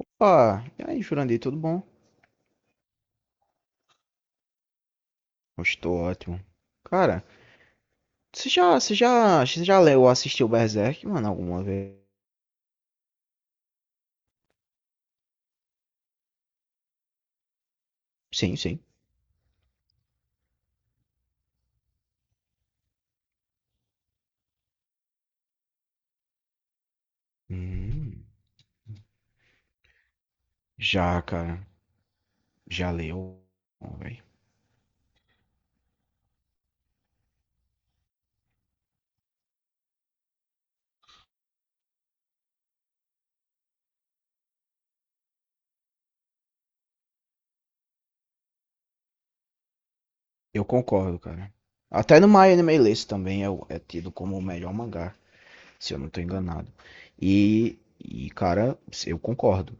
Opa, e aí, Jurandir, tudo bom? Estou ótimo. Cara, você já leu ou assistiu Berserk, mano, alguma vez? Sim, sim. Hum. Já, cara. Já leu. Bom, véi. Eu concordo, cara. Até no My Anime List também é, é tido como o melhor mangá, se eu não tô enganado. E cara, eu concordo.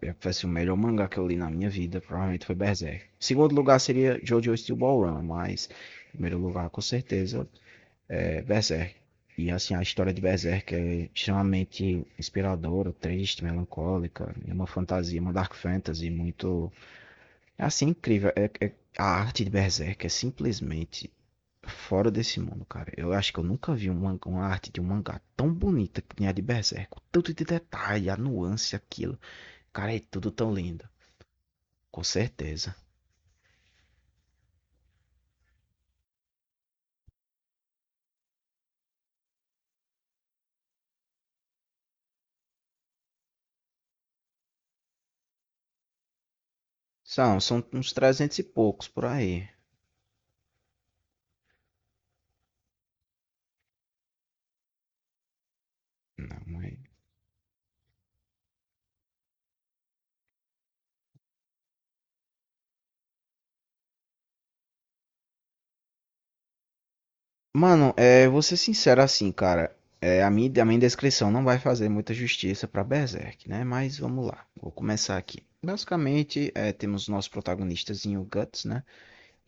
Foi assim, o melhor mangá que eu li na minha vida, provavelmente foi Berserk. Segundo lugar seria JoJo's Steel Ball Run, mas em primeiro lugar, com certeza, Berserk. E assim, a história de Berserk é extremamente inspiradora, triste, melancólica. É uma fantasia, uma dark fantasy muito. É assim, incrível. A arte de Berserk é simplesmente fora desse mundo, cara. Eu acho que eu nunca vi um uma arte de um mangá tão bonita que nem a de Berserk. O tanto de detalhe, a nuance, aquilo. Cara, é tudo tão lindo. Com certeza. São uns 300 e poucos por aí. Não, mas mano, vou ser sincero assim, cara. A minha descrição não vai fazer muita justiça pra Berserk, né? Mas vamos lá, vou começar aqui. Basicamente, temos o nosso protagonistazinho, o Guts, né?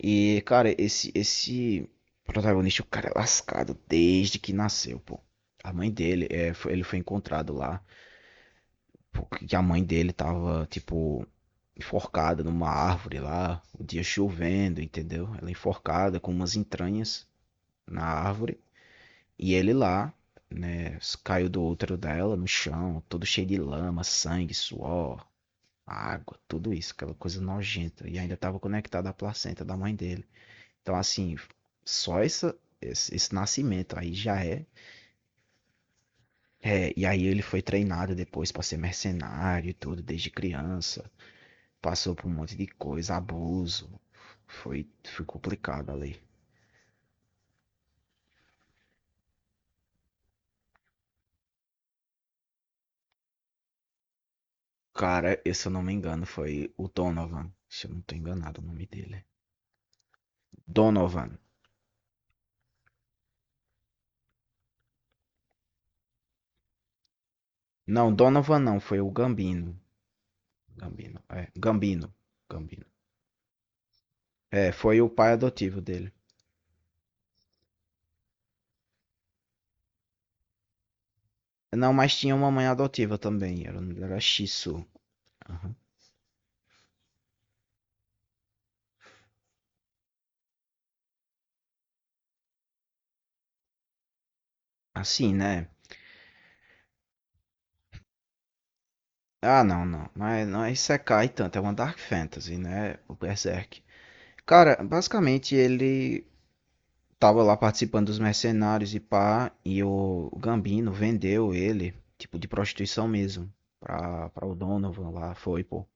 E, cara, esse protagonista, o cara é lascado desde que nasceu, pô. A mãe dele, ele foi encontrado lá, porque a mãe dele tava, tipo, enforcada numa árvore lá, o dia chovendo, entendeu? Ela é enforcada com umas entranhas na árvore. E ele lá, né, caiu do útero dela no chão, todo cheio de lama, sangue, suor, água, tudo isso, aquela coisa nojenta. E ainda estava conectado à placenta da mãe dele. Então, assim, esse nascimento aí já é. É, e aí ele foi treinado depois para ser mercenário e tudo, desde criança. Passou por um monte de coisa, abuso. Foi complicado ali. Cara, se eu não me engano, foi o Donovan. Se eu não tô enganado o nome dele. Donovan. Não, Donovan não, foi o Gambino. Gambino, é. Gambino. Gambino. É, foi o pai adotivo dele. Não, mas tinha uma mãe adotiva também. Era Shisu. Aham. Assim, né? Ah, não, não. Mas não é Isekai tanto. É uma Dark Fantasy, né? O Berserk. Cara, basicamente ele tava lá participando dos mercenários e pá, e o Gambino vendeu ele, tipo, de prostituição mesmo, pra o Donovan lá, foi, pô.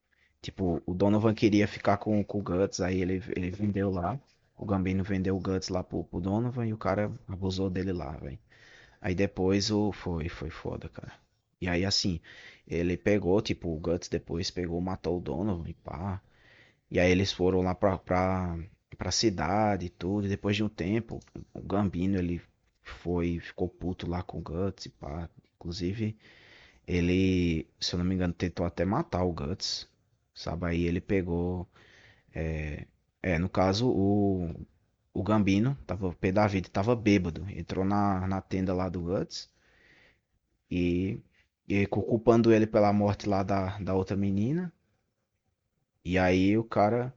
Tipo, o Donovan queria ficar com o Guts, aí ele vendeu lá, o Gambino vendeu o Guts lá pro Donovan e o cara abusou dele lá, velho. Aí depois foi foda, cara. E aí assim, ele pegou, tipo, o Guts depois pegou, matou o Donovan e pá. E aí eles foram lá pra cidade e tudo. E depois de um tempo, o Gambino ele ficou puto lá com o Guts e pá. Inclusive, ele, se eu não me engano, tentou até matar o Guts. Sabe? Aí ele pegou. É, no caso, o Gambino, tava, o pé da vida, tava bêbado. Entrou na tenda lá do Guts e, e culpando ele pela morte lá da outra menina. E aí o cara.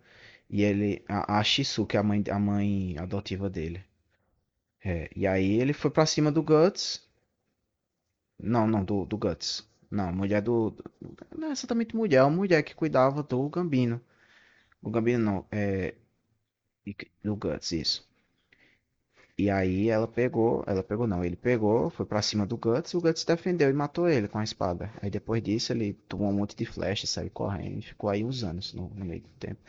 E ele, a Shisu, que é a mãe adotiva dele. É, e aí ele foi pra cima do Guts. Não, não, do Guts. Não, mulher do. Não é exatamente mulher, é uma mulher que cuidava do Gambino. O Gambino não, é do Guts, isso. E aí ela pegou não, ele pegou, foi pra cima do Guts e o Guts defendeu e matou ele com a espada. Aí depois disso ele tomou um monte de flecha, saiu correndo e ficou aí uns anos no meio do tempo.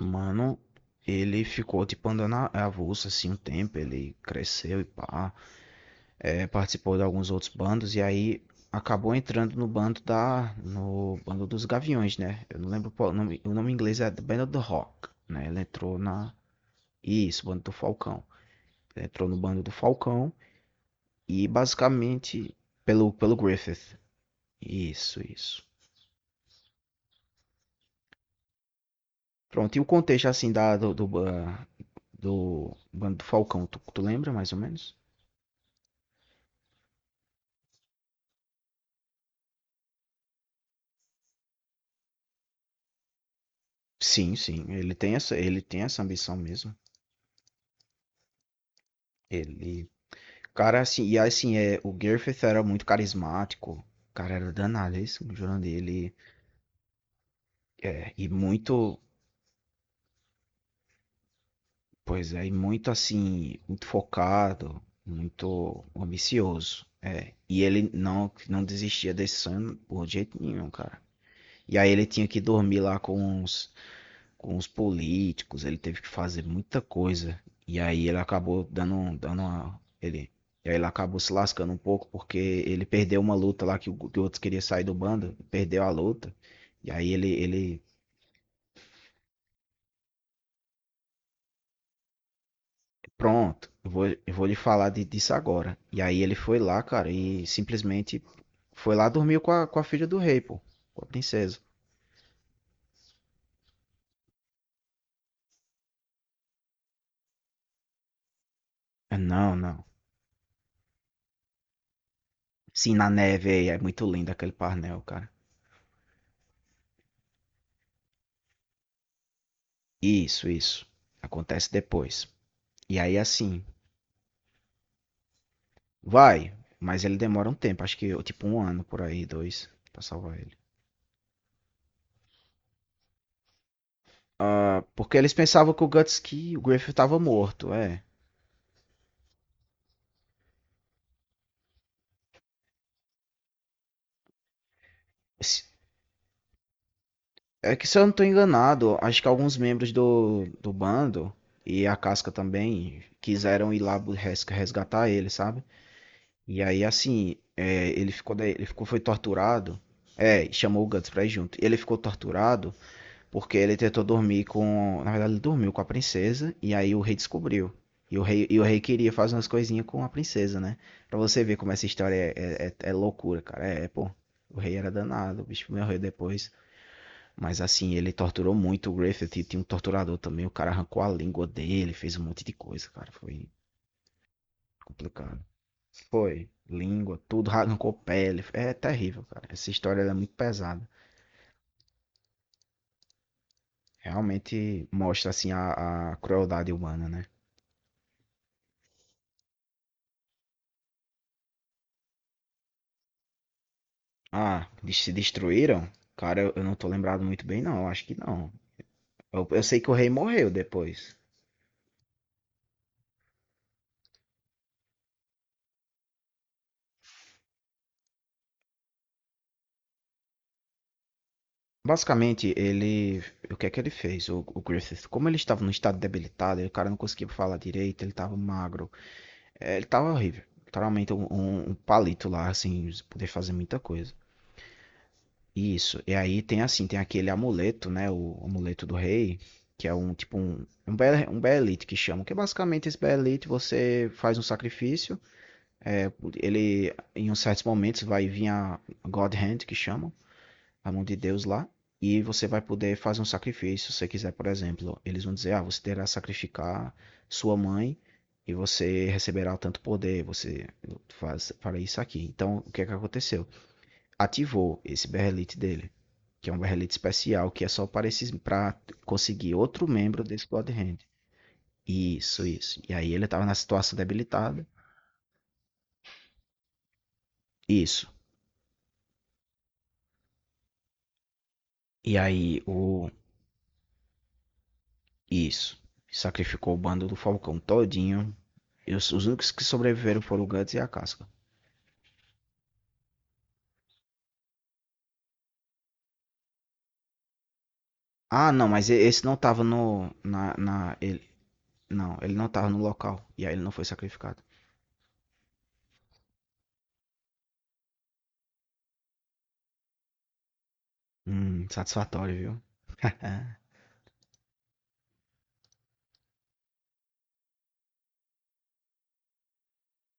Mano, ele ficou tipo andando avulso assim um tempo, ele cresceu e pá, é, participou de alguns outros bandos e aí acabou entrando no bando dos Gaviões, né? Eu não lembro qual o nome em inglês é The Band of the Hawk, né? Ele entrou na, isso, bando do Falcão. Ele entrou no bando do Falcão e basicamente pelo Griffith. Isso, isso. Pronto, e o contexto assim da, do, do, ba- do bando do Falcão, tu lembra mais ou menos? Sim, sim, ele tem essa ambição mesmo. Ele, cara, assim, e assim, é, o Griffith era muito carismático, o cara era danado, é isso, o Jurandir, ele, é, e muito, pois é, e muito assim, muito focado, muito ambicioso, é, e ele não desistia desse sonho por jeito nenhum, cara. E aí ele tinha que dormir lá com os políticos, ele teve que fazer muita coisa. E aí ele acabou dando, dando uma. Ele, e aí ele acabou se lascando um pouco porque ele perdeu uma luta lá que o outro queria sair do bando, perdeu a luta. E aí ele, pronto, eu vou lhe falar disso agora. E aí ele foi lá, cara, e simplesmente foi lá dormiu com a filha do rei, pô, com a princesa. Ah, não, não. Sim, na neve aí, é muito lindo aquele parnel, cara. Isso, isso. Acontece depois. E aí, assim, vai, mas ele demora um tempo, acho que tipo um ano por aí, dois, pra salvar ele. Ah, porque eles pensavam que o Guts que o Griffith tava morto, é. Se- É que se eu não tô enganado, acho que alguns membros do bando e a Casca também quiseram ir lá resgatar ele, sabe? E aí assim, é, ele ficou ele ficou foi torturado. É, chamou o Guts pra ir junto. Ele ficou torturado. Porque ele tentou dormir com. Na verdade, ele dormiu com a princesa e aí o rei descobriu. E o rei queria fazer umas coisinhas com a princesa, né? Pra você ver como essa história é loucura, cara. É, pô. O rei era danado, o bicho morreu depois. Mas assim, ele torturou muito o Griffith. E tinha um torturador também. O cara arrancou a língua dele, fez um monte de coisa, cara. Foi complicado. Foi. Língua, tudo, arrancou pele. É terrível, cara. Essa história ela é muito pesada. Realmente mostra, assim, a crueldade humana, né? Ah, se destruíram? Cara, eu não tô lembrado muito bem, não. Acho que não. Eu sei que o rei morreu depois. Basicamente, ele. O que é que ele fez? O Griffith, como ele estava num estado debilitado, ele, o cara não conseguia falar direito, ele estava magro. É, ele estava horrível. Literalmente um palito lá, assim, sem poder fazer muita coisa. Isso. E aí tem assim, tem aquele amuleto, né? O, amuleto do rei, que é um tipo um Beelite que chamam. Que é basicamente esse Beelite, você faz um sacrifício. É, ele, em uns certos momentos, vai vir a God Hand, que chamam, a mão de Deus lá, e você vai poder fazer um sacrifício. Se você quiser, por exemplo, eles vão dizer: ah, você terá que sacrificar sua mãe e você receberá tanto poder. Você faz, fará isso aqui. Então, o que é que aconteceu? Ativou esse berrelite dele, que é um berrelite especial, que é só para conseguir outro membro desse God Hand. Isso, isso. E aí ele estava na situação debilitada. Isso. E aí o. Isso. Sacrificou o bando do Falcão todinho. E os únicos que sobreviveram foram o Guts e a Casca. Ah, não, mas esse não tava no. Não, ele não tava no local. E aí ele não foi sacrificado. Satisfatório, viu? É,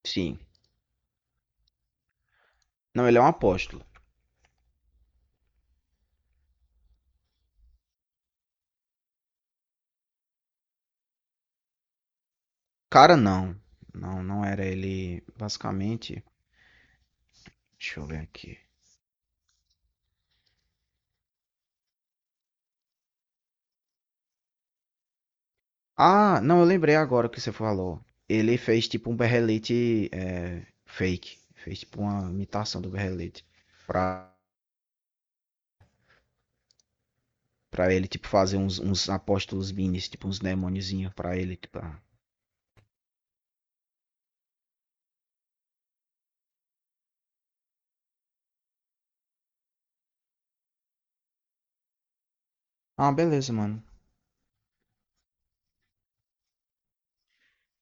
sim. Não, ele é um apóstolo. Cara, não. Não, não era ele. Basicamente. Deixa eu ver aqui. Ah, não, eu lembrei agora o que você falou. Ele fez tipo um berrelete fake. Fez tipo uma imitação do berrelete. Pra. Ele, tipo, fazer uns apóstolos minis, tipo, uns demôniozinhos pra ele, tipo, ah. Ah, beleza, mano.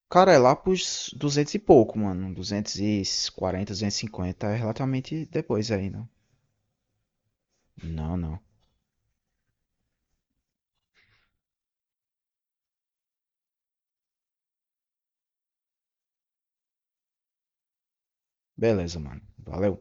Cara, é lá pros 200 e pouco, mano. 240, 250. É relativamente depois aí, não? Não, não. Beleza, mano. Valeu.